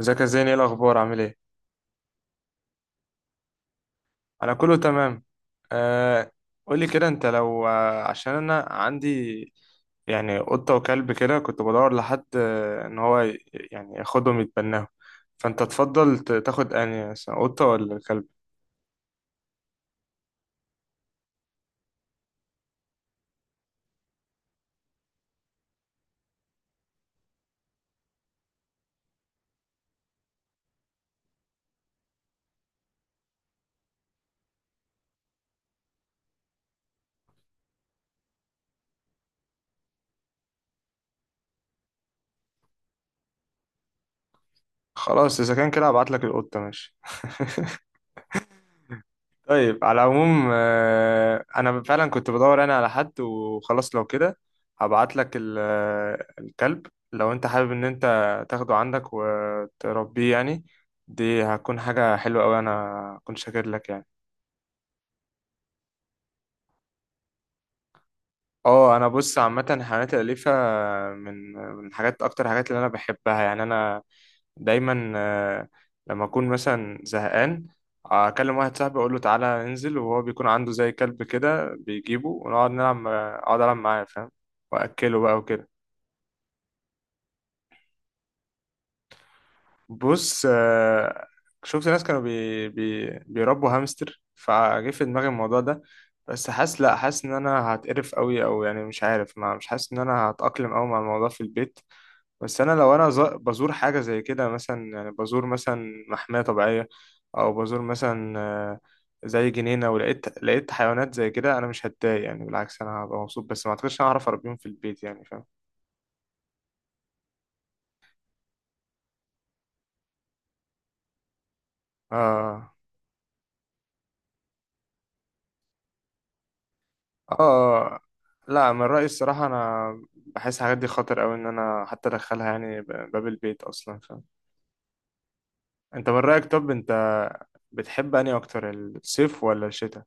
ازيك يا زين، ايه الاخبار، عامل ايه؟ انا كله تمام. آه، قولي كده، انت لو عشان انا عندي يعني قطة وكلب كده، كنت بدور لحد ان هو يعني ياخدهم يتبناهم. فانت تفضل تاخد انهي مثلا، قطة ولا كلب؟ خلاص، اذا كان كده هبعت لك القطة، ماشي. طيب على العموم انا فعلا كنت بدور انا على حد، وخلاص لو كده هبعت لك الكلب، لو انت حابب ان انت تاخده عندك وتربيه يعني. دي هتكون حاجة حلوة قوي، انا كنت شاكر لك يعني. اه، انا بص عامه الحيوانات الاليفه من حاجات، اكتر حاجات اللي انا بحبها يعني. انا دايما لما اكون مثلا زهقان اكلم واحد صاحبي، اقول له تعالى ننزل، وهو بيكون عنده زي كلب كده بيجيبه، ونقعد نلعب، اقعد العب معاه فاهم؟ واكله بقى وكده. بص شفت ناس كانوا بي بي بيربوا هامستر، فجه في دماغي الموضوع ده، بس حاسس، لا، حاسس ان انا هتقرف قوي، او يعني مش عارف، ما مش حاسس ان انا هتأقلم قوي مع الموضوع في البيت. بس انا لو انا بزور حاجه زي كده مثلا، يعني بزور مثلا محميه طبيعيه، او بزور مثلا زي جنينه، ولقيت حيوانات زي كده، انا مش هتضايق يعني، بالعكس انا هبقى مبسوط، بس ما اعتقدش انا هعرف اربيهم في البيت يعني فاهم؟ اه، اه، لا، من رايي الصراحه انا بحس الحاجات دي خطر قوي ان انا حتى ادخلها يعني باب البيت اصلا فاهم؟ انت من رايك، طب انت بتحب انهي اكتر، الصيف ولا الشتاء؟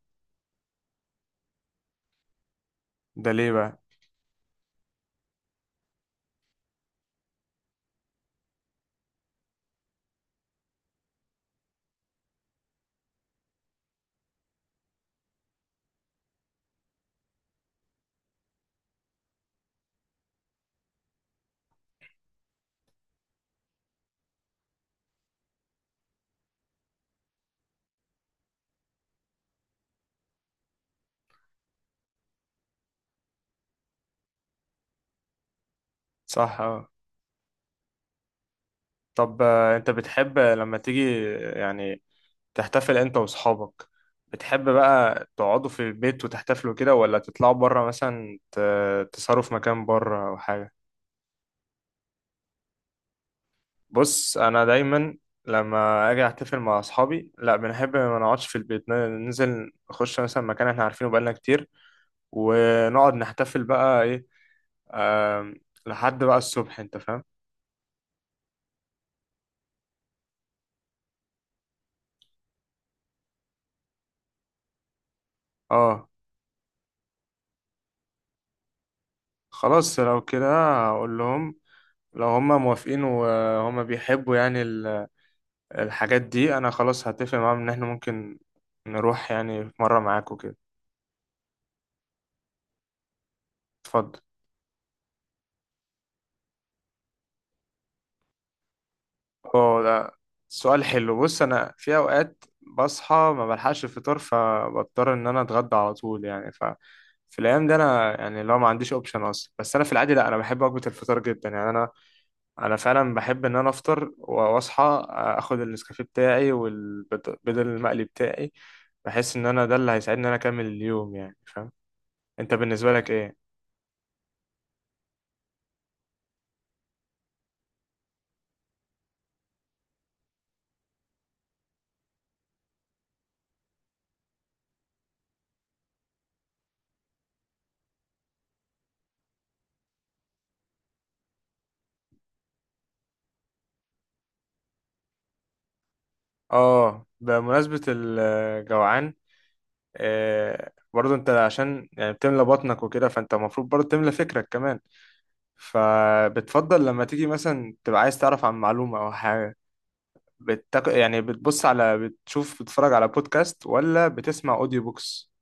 ده ليه بقى؟ صح، اه. طب انت بتحب لما تيجي يعني تحتفل انت واصحابك، بتحب بقى تقعدوا في البيت وتحتفلوا كده، ولا تطلعوا بره مثلا تسهروا في مكان بره او حاجة؟ بص انا دايما لما اجي احتفل مع اصحابي، لا بنحب ما نقعدش في البيت، ننزل نخش مثلا مكان احنا عارفينه بقالنا كتير، ونقعد نحتفل بقى ايه، آم، لحد بقى الصبح انت فاهم؟ اه، خلاص لو كده هقول لهم، لو هما موافقين وهما بيحبوا يعني الحاجات دي انا خلاص هتفق معاهم ان احنا ممكن نروح يعني في مرة معاكوا كده. اتفضل. اه، ده سؤال حلو. بص انا في اوقات بصحى ما بلحقش الفطار، فبضطر ان انا اتغدى على طول يعني. ف في الايام دي انا يعني لو ما عنديش اوبشن اصلا، بس انا في العادي لا، انا بحب وجبة الفطار جدا يعني. انا فعلا بحب ان انا افطر واصحى، اخد النسكافيه بتاعي والبيض المقلي بتاعي. بحس ان انا ده اللي هيساعدني ان انا اكمل اليوم يعني فاهم؟ انت بالنسبه لك ايه؟ اه، بمناسبه الجوعان برضه انت عشان يعني بتملى بطنك وكده، فانت المفروض برضه تملى فكرك كمان. فبتفضل لما تيجي مثلا تبقى عايز تعرف عن معلومه او حاجه، يعني بتبص على، بتشوف، بتتفرج على بودكاست، ولا بتسمع اوديو بوكس؟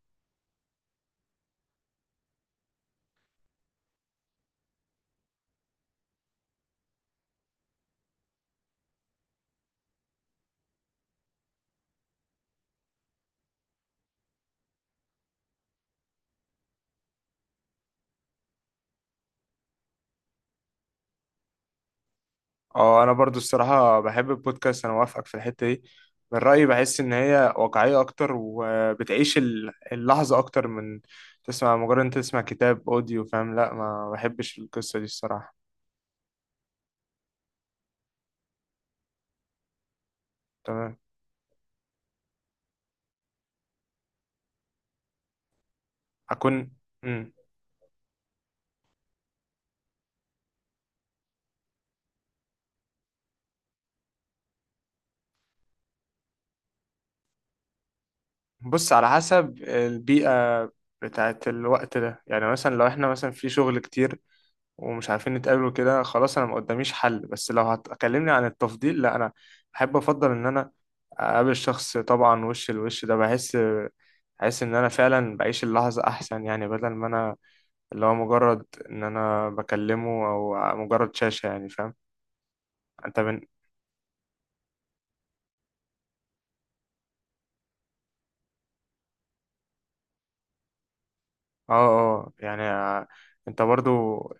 اه، انا برضو الصراحه بحب البودكاست، انا موافقك في الحته دي. من رايي بحس ان هي واقعيه اكتر، وبتعيش اللحظه اكتر من تسمع، مجرد انت تسمع كتاب اوديو فاهم، لا ما بحبش القصه دي الصراحه. تمام. اكون، مم. بص على حسب البيئه بتاعت الوقت ده، يعني مثلا لو احنا مثلا في شغل كتير ومش عارفين نتقابل وكده، خلاص انا ما قداميش حل. بس لو هتكلمني عن التفضيل، لا انا بحب افضل ان انا اقابل الشخص طبعا وش الوش، ده بحس، بحس ان انا فعلا بعيش اللحظة احسن يعني، بدل ما انا اللي هو مجرد ان انا بكلمه، او مجرد شاشة يعني فاهم؟ انت من، اه اه يعني انت برضو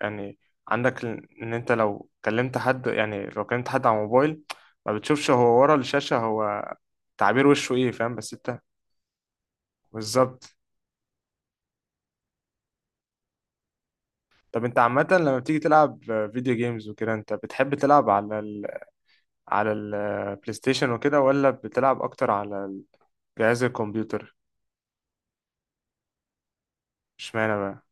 يعني عندك ان انت لو كلمت حد، يعني لو كلمت حد على موبايل ما بتشوفش هو ورا الشاشة، هو تعبير وشه ايه فاهم؟ بس انت بالظبط. طب انت عامة لما بتيجي تلعب فيديو جيمز وكده، انت بتحب تلعب على، على البلاي ستيشن وكده، ولا بتلعب اكتر على جهاز الكمبيوتر؟ اشمعنى بقى؟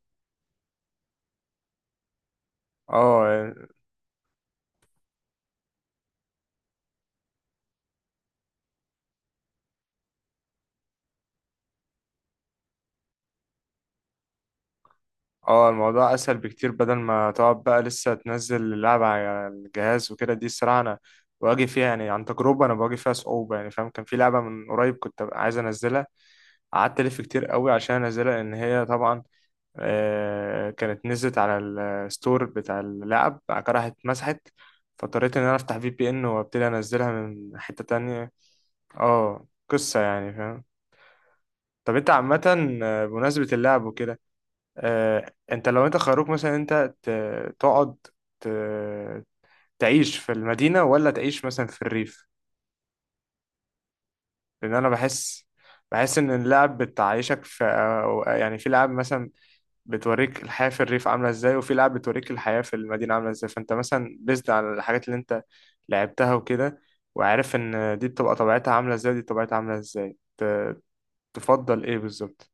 اه، اه، الموضوع اسهل بكتير، بدل ما تقعد بقى لسه تنزل اللعبة على الجهاز وكده، دي الصراحة انا بواجه فيها يعني عن تجربة، انا بواجه فيها صعوبة يعني فاهم؟ كان في لعبة من قريب كنت عايز انزلها، قعدت الف كتير قوي عشان انزلها، لان هي طبعا كانت نزلت على الستور بتاع اللعب، بعد كده راحت اتمسحت، فاضطريت ان انا افتح في بي ان وابتدي انزلها من حتة تانية. اه، قصة يعني فاهم. طب انت عامة بمناسبة اللعب وكده، انت لو انت خيروك مثلا انت تقعد ت- تعيش في المدينة ولا تعيش مثلا في الريف؟ لان انا بحس، بحس ان اللعب بتعيشك في يعني في لعب مثلا بتوريك الحياة في الريف عاملة ازاي، وفي لعب بتوريك الحياة في المدينة عاملة ازاي، فانت مثلا بيزد على الحاجات اللي انت لعبتها وكده، وعارف ان دي بتبقى طبيعتها عاملة ازاي، دي طبيعتها عاملة ازاي، تفضل ايه بالظبط؟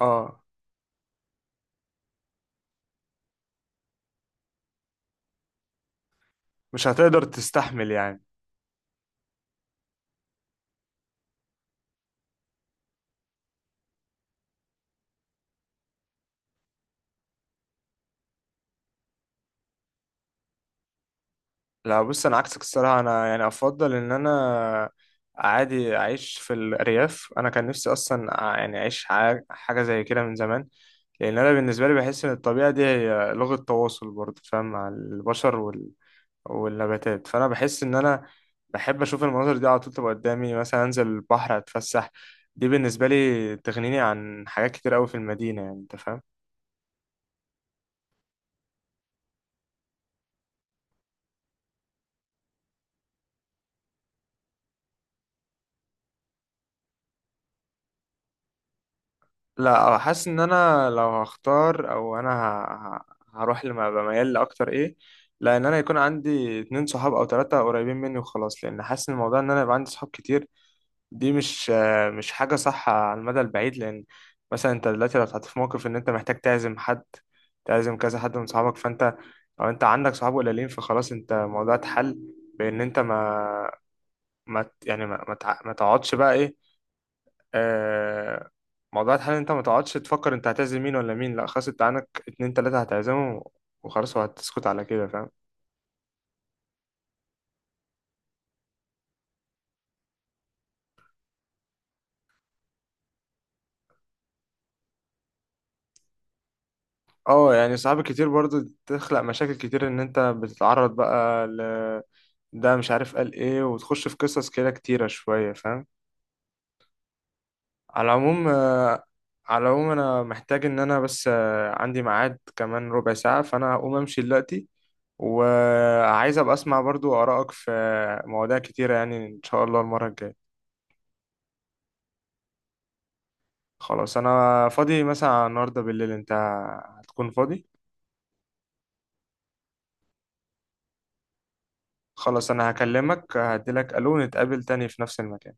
اه، مش هتقدر تستحمل يعني. لا بص، انا عكسك الصراحه انا يعني افضل ان انا عادي اعيش في الارياف. انا كان نفسي اصلا يعني اعيش حاجه زي كده من زمان، لان انا بالنسبه لي بحس ان الطبيعه دي هي لغه تواصل برضه فاهم، مع البشر والنباتات. فانا بحس ان انا بحب اشوف المناظر دي على طول تبقى قدامي، مثلا انزل البحر اتفسح. دي بالنسبه لي تغنيني عن حاجات كتير قوي في المدينه يعني انت فاهم؟ لا حاسس ان انا لو هختار، او انا هروح لما بميل لاكتر ايه، لان انا يكون عندي اتنين صحاب او تلاتة قريبين مني وخلاص، لان حاسس ان الموضوع ان انا يبقى عندي صحاب كتير دي مش حاجة صح على المدى البعيد، لان مثلا انت دلوقتي لو اتحطيت في موقف ان انت محتاج تعزم حد، تعزم كذا حد من صحابك، فانت لو انت عندك صحاب قليلين فخلاص انت الموضوع اتحل، بان انت ما ما ت- يعني ما تقعدش بقى ايه آه، موضوع الحل، إن انت ما تقعدش تفكر انت هتعزم مين ولا مين، لا خلاص انت عندك اتنين تلاتة هتعزمهم وخلاص، وهتسكت على كده فاهم. اه يعني صعب كتير برضو، تخلق مشاكل كتير ان انت بتتعرض بقى ل، ده مش عارف قال ايه، وتخش في قصص كده كتيرة شوية فاهم. على العموم على العموم انا محتاج ان انا بس عندي ميعاد كمان ربع ساعة، فانا هقوم امشي دلوقتي، وعايز ابقى اسمع برضو آرائك في مواضيع كتيرة يعني ان شاء الله المرة الجاية. خلاص، انا فاضي مثلا على النهارده بالليل، انت هتكون فاضي؟ خلاص انا هكلمك، هديلك الو نتقابل تاني في نفس المكان.